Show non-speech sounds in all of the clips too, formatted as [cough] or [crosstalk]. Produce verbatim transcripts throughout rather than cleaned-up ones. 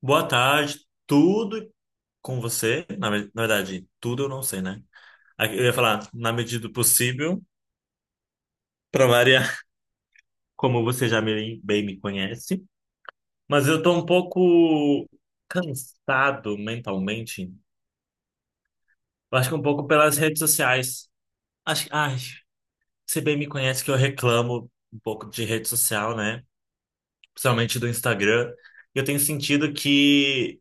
Boa tarde, tudo com você? Na, ve- na verdade, tudo eu não sei, né? Ah, Eu ia falar, na medida do possível, para variar, [laughs] como você já me- bem me conhece. Mas eu tô um pouco cansado mentalmente. Eu acho que um pouco pelas redes sociais. Acho, ai, Você bem me conhece que eu reclamo um pouco de rede social, né? Principalmente do Instagram. Eu tenho sentido que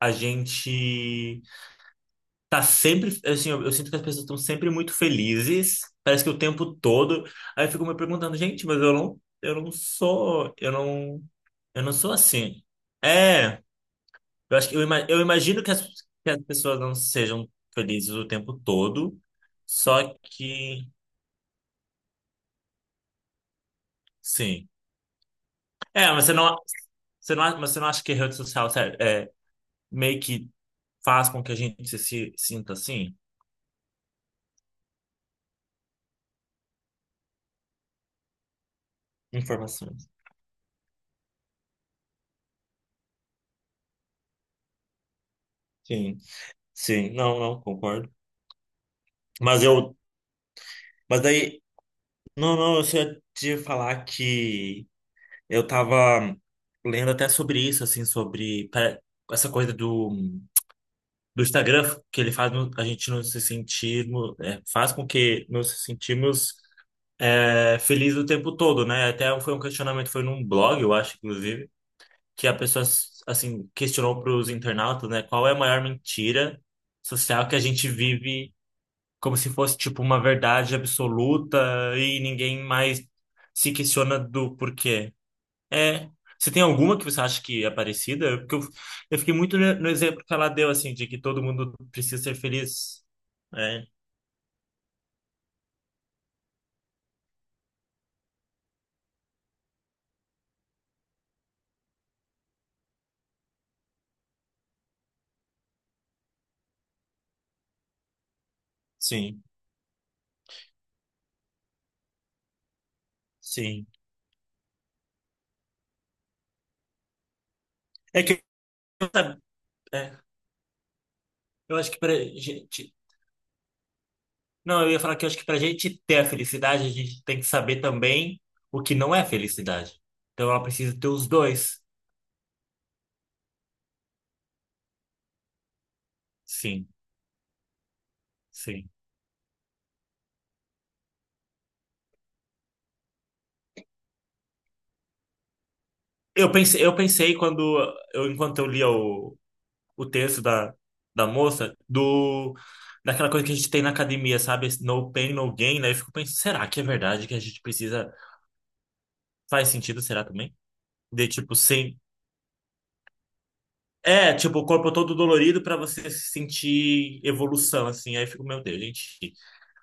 a gente tá sempre, assim, eu, eu sinto que as pessoas estão sempre muito felizes, parece que o tempo todo. Aí eu fico me perguntando, gente, mas eu não, eu não sou, eu não, eu não sou assim. É, eu acho que eu, ima- eu imagino que as, que as pessoas não sejam felizes o tempo todo, só que, sim. É, mas você não, você não, mas você não acha que a rede social, sério, é, meio que faz com que a gente se, se sinta assim? Informações. Sim, sim, não, não, concordo. Mas eu, mas daí Não, não, eu só ia te falar que eu tava lendo até sobre isso, assim, sobre pa- essa coisa do, do Instagram, que ele faz no- a gente não se sentir, no- é, faz com que nos sentimos é, felizes o tempo todo, né? Até foi um questionamento, foi num blog, eu acho, inclusive, que a pessoa, assim, questionou para os internautas, né, qual é a maior mentira social que a gente vive como se fosse tipo uma verdade absoluta e ninguém mais se questiona do porquê. É, você tem alguma que você acha que é parecida? Porque eu, eu fiquei muito no no exemplo que ela deu assim de que todo mundo precisa ser feliz. É, sim, sim. É que sabe, é, eu acho que pra gente, não, eu ia falar que eu acho que pra gente ter a felicidade, a gente tem que saber também o que não é felicidade. Então ela precisa ter os dois. Sim, sim. Eu pensei, eu pensei quando eu enquanto eu lia o, o texto da, da moça do daquela coisa que a gente tem na academia, sabe? Esse No pain, no gain, né? Eu fico pensando, será que é verdade que a gente precisa? Faz sentido, será também? De tipo, sim. É, tipo, o corpo todo dolorido pra você sentir evolução, assim. Aí eu fico, meu Deus, gente.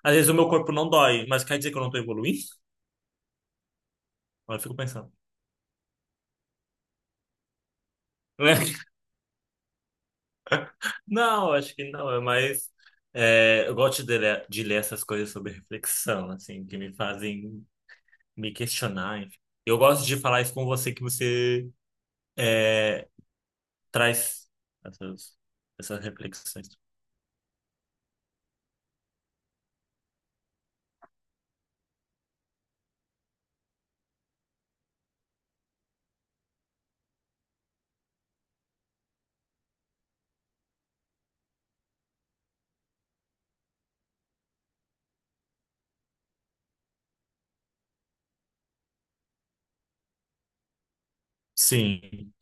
Às vezes o meu corpo não dói, mas quer dizer que eu não tô evoluindo? Aí eu fico pensando. [laughs] Não, acho que não, é mais. É, eu gosto de ler, de ler essas coisas sobre reflexão, assim, que me fazem me questionar. Enfim. Eu gosto de falar isso com você, que você é, traz essas, essas reflexões. Sim,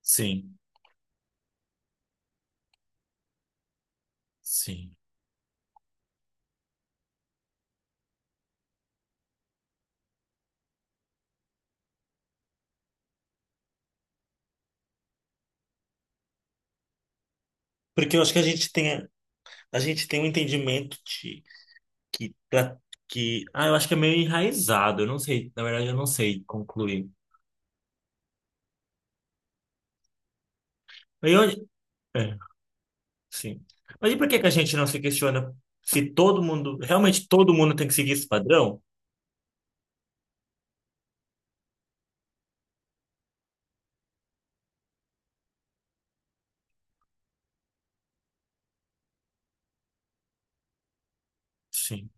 sim, sim. Porque eu acho que a gente tem, A gente tem um entendimento de que, pra- que. Ah, eu acho que é meio enraizado, eu não sei, na verdade, eu não sei concluir. Eu, é. Sim. Mas e por que que a gente não se questiona se todo mundo, realmente todo mundo tem que seguir esse padrão? Sim.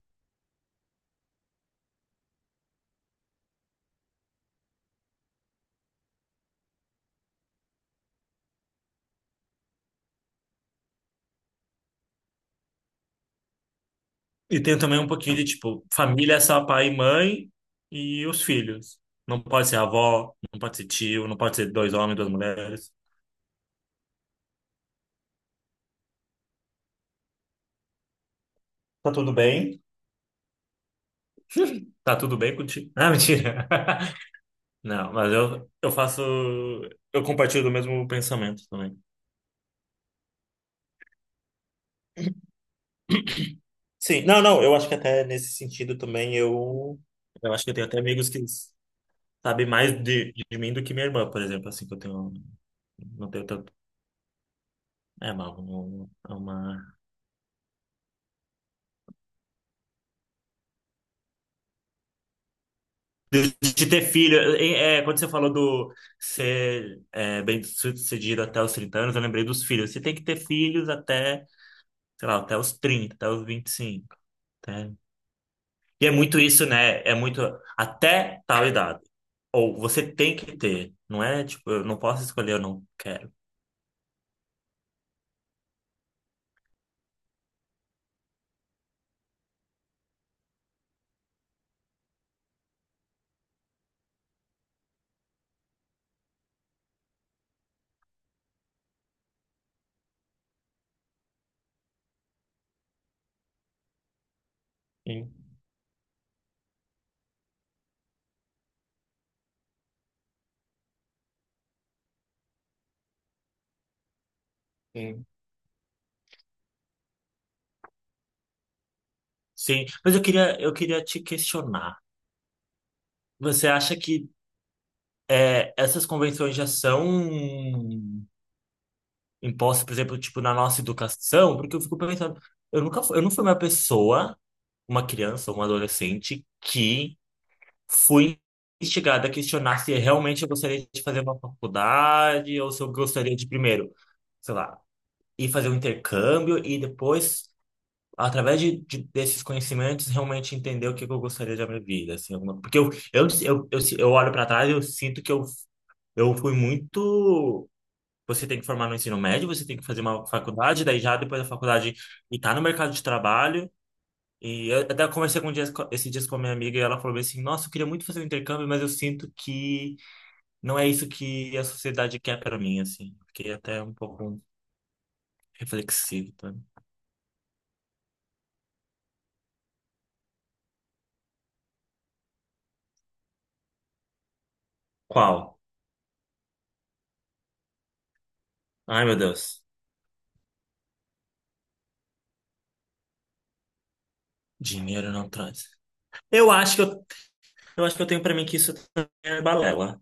E tem também um pouquinho de, tipo, família é só pai e mãe e os filhos. Não pode ser avó, não pode ser tio, não pode ser dois homens, duas mulheres. Tá tudo bem? Tá tudo bem contigo? Ah, mentira. [laughs] Não, mas eu, eu faço. Eu compartilho do mesmo pensamento também. Sim, não, não, eu acho que até nesse sentido também eu. Eu acho que eu tenho até amigos que sabe mais de, de mim do que minha irmã, por exemplo, assim, que eu tenho, não tenho tanto, é uma, uma, uma- de, de ter filho, é, é, quando você falou do ser é, bem sucedido até os trinta anos, eu lembrei dos filhos, você tem que ter filhos até, sei lá, até os trinta, até os vinte e cinco, até... E é muito isso, né, é muito, até tal idade, ou você tem que ter, não é, tipo, eu não posso escolher, eu não quero. Sim, sim. Sim, mas eu queria, eu queria te questionar. Você acha que é, essas convenções já são impostas, por exemplo, tipo, na nossa educação, porque eu fico pensando, eu nunca fui, eu não fui uma pessoa, uma criança, uma adolescente, que fui instigada a questionar se realmente eu gostaria de fazer uma faculdade ou se eu gostaria de primeiro, sei lá, ir fazer um intercâmbio e depois, através de, de- desses conhecimentos, realmente entender o que que eu gostaria da minha vida, assim, alguma- porque eu, eu, eu, eu, eu olho para trás e eu sinto que eu, eu fui muito. Você tem que formar no ensino médio, você tem que fazer uma faculdade, daí já depois da faculdade e tá no mercado de trabalho. E eu até conversei com um dias, esses dias com a minha amiga e ela falou bem assim: Nossa, eu queria muito fazer um intercâmbio, mas eu sinto que não é isso que a sociedade quer para mim, assim. Fiquei até um pouco reflexivo, tá? Qual? Ai, meu Deus. Dinheiro não traz. Eu acho que eu, eu acho que eu tenho para mim que isso também é balela.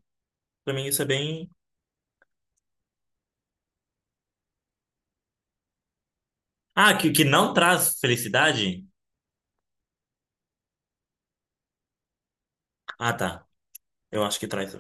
Para mim isso é bem. Ah, que, que não traz felicidade? Ah, tá. Eu acho que traz.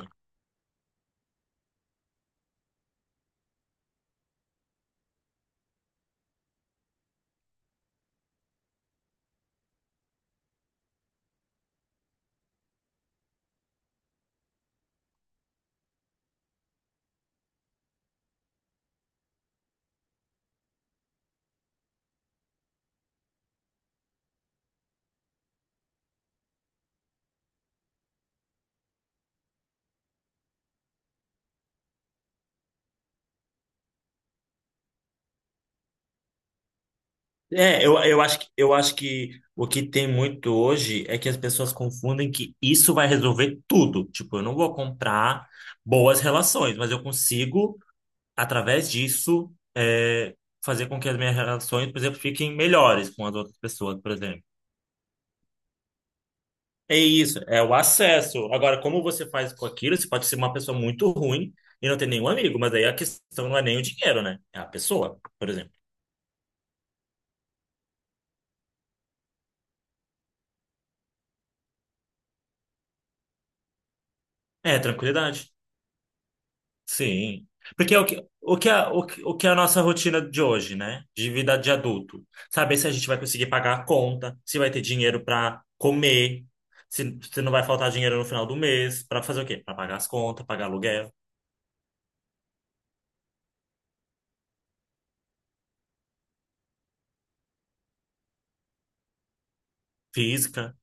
É, eu, eu acho que, eu acho que o que tem muito hoje é que as pessoas confundem que isso vai resolver tudo. Tipo, eu não vou comprar boas relações, mas eu consigo, através disso, é, fazer com que as minhas relações, por exemplo, fiquem melhores com as outras pessoas, por exemplo. É isso, é o acesso. Agora, como você faz com aquilo, você pode ser uma pessoa muito ruim e não ter nenhum amigo, mas aí a questão não é nem o dinheiro, né? É a pessoa, por exemplo. É, tranquilidade. Sim. Porque é o que, o que, a, o que, o que é a nossa rotina de hoje, né? De vida de adulto. Saber se a gente vai conseguir pagar a conta, se vai ter dinheiro para comer, se, se não vai faltar dinheiro no final do mês, para fazer o quê? Para pagar as contas, pagar aluguel, física.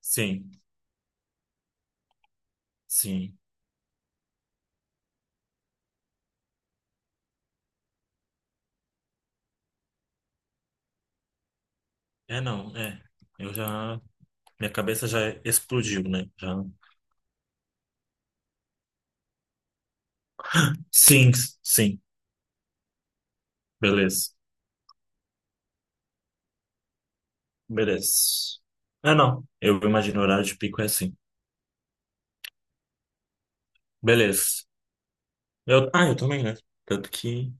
Sim, sim. É, não, é. Eu já. Minha cabeça já explodiu, né? Já. Sim, sim. Beleza. Beleza. É, não. Eu imagino o horário de pico é assim. Beleza. Eu, ah, eu também, né? Tanto que.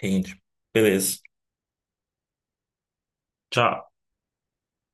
Rende. Beleza. Tchau.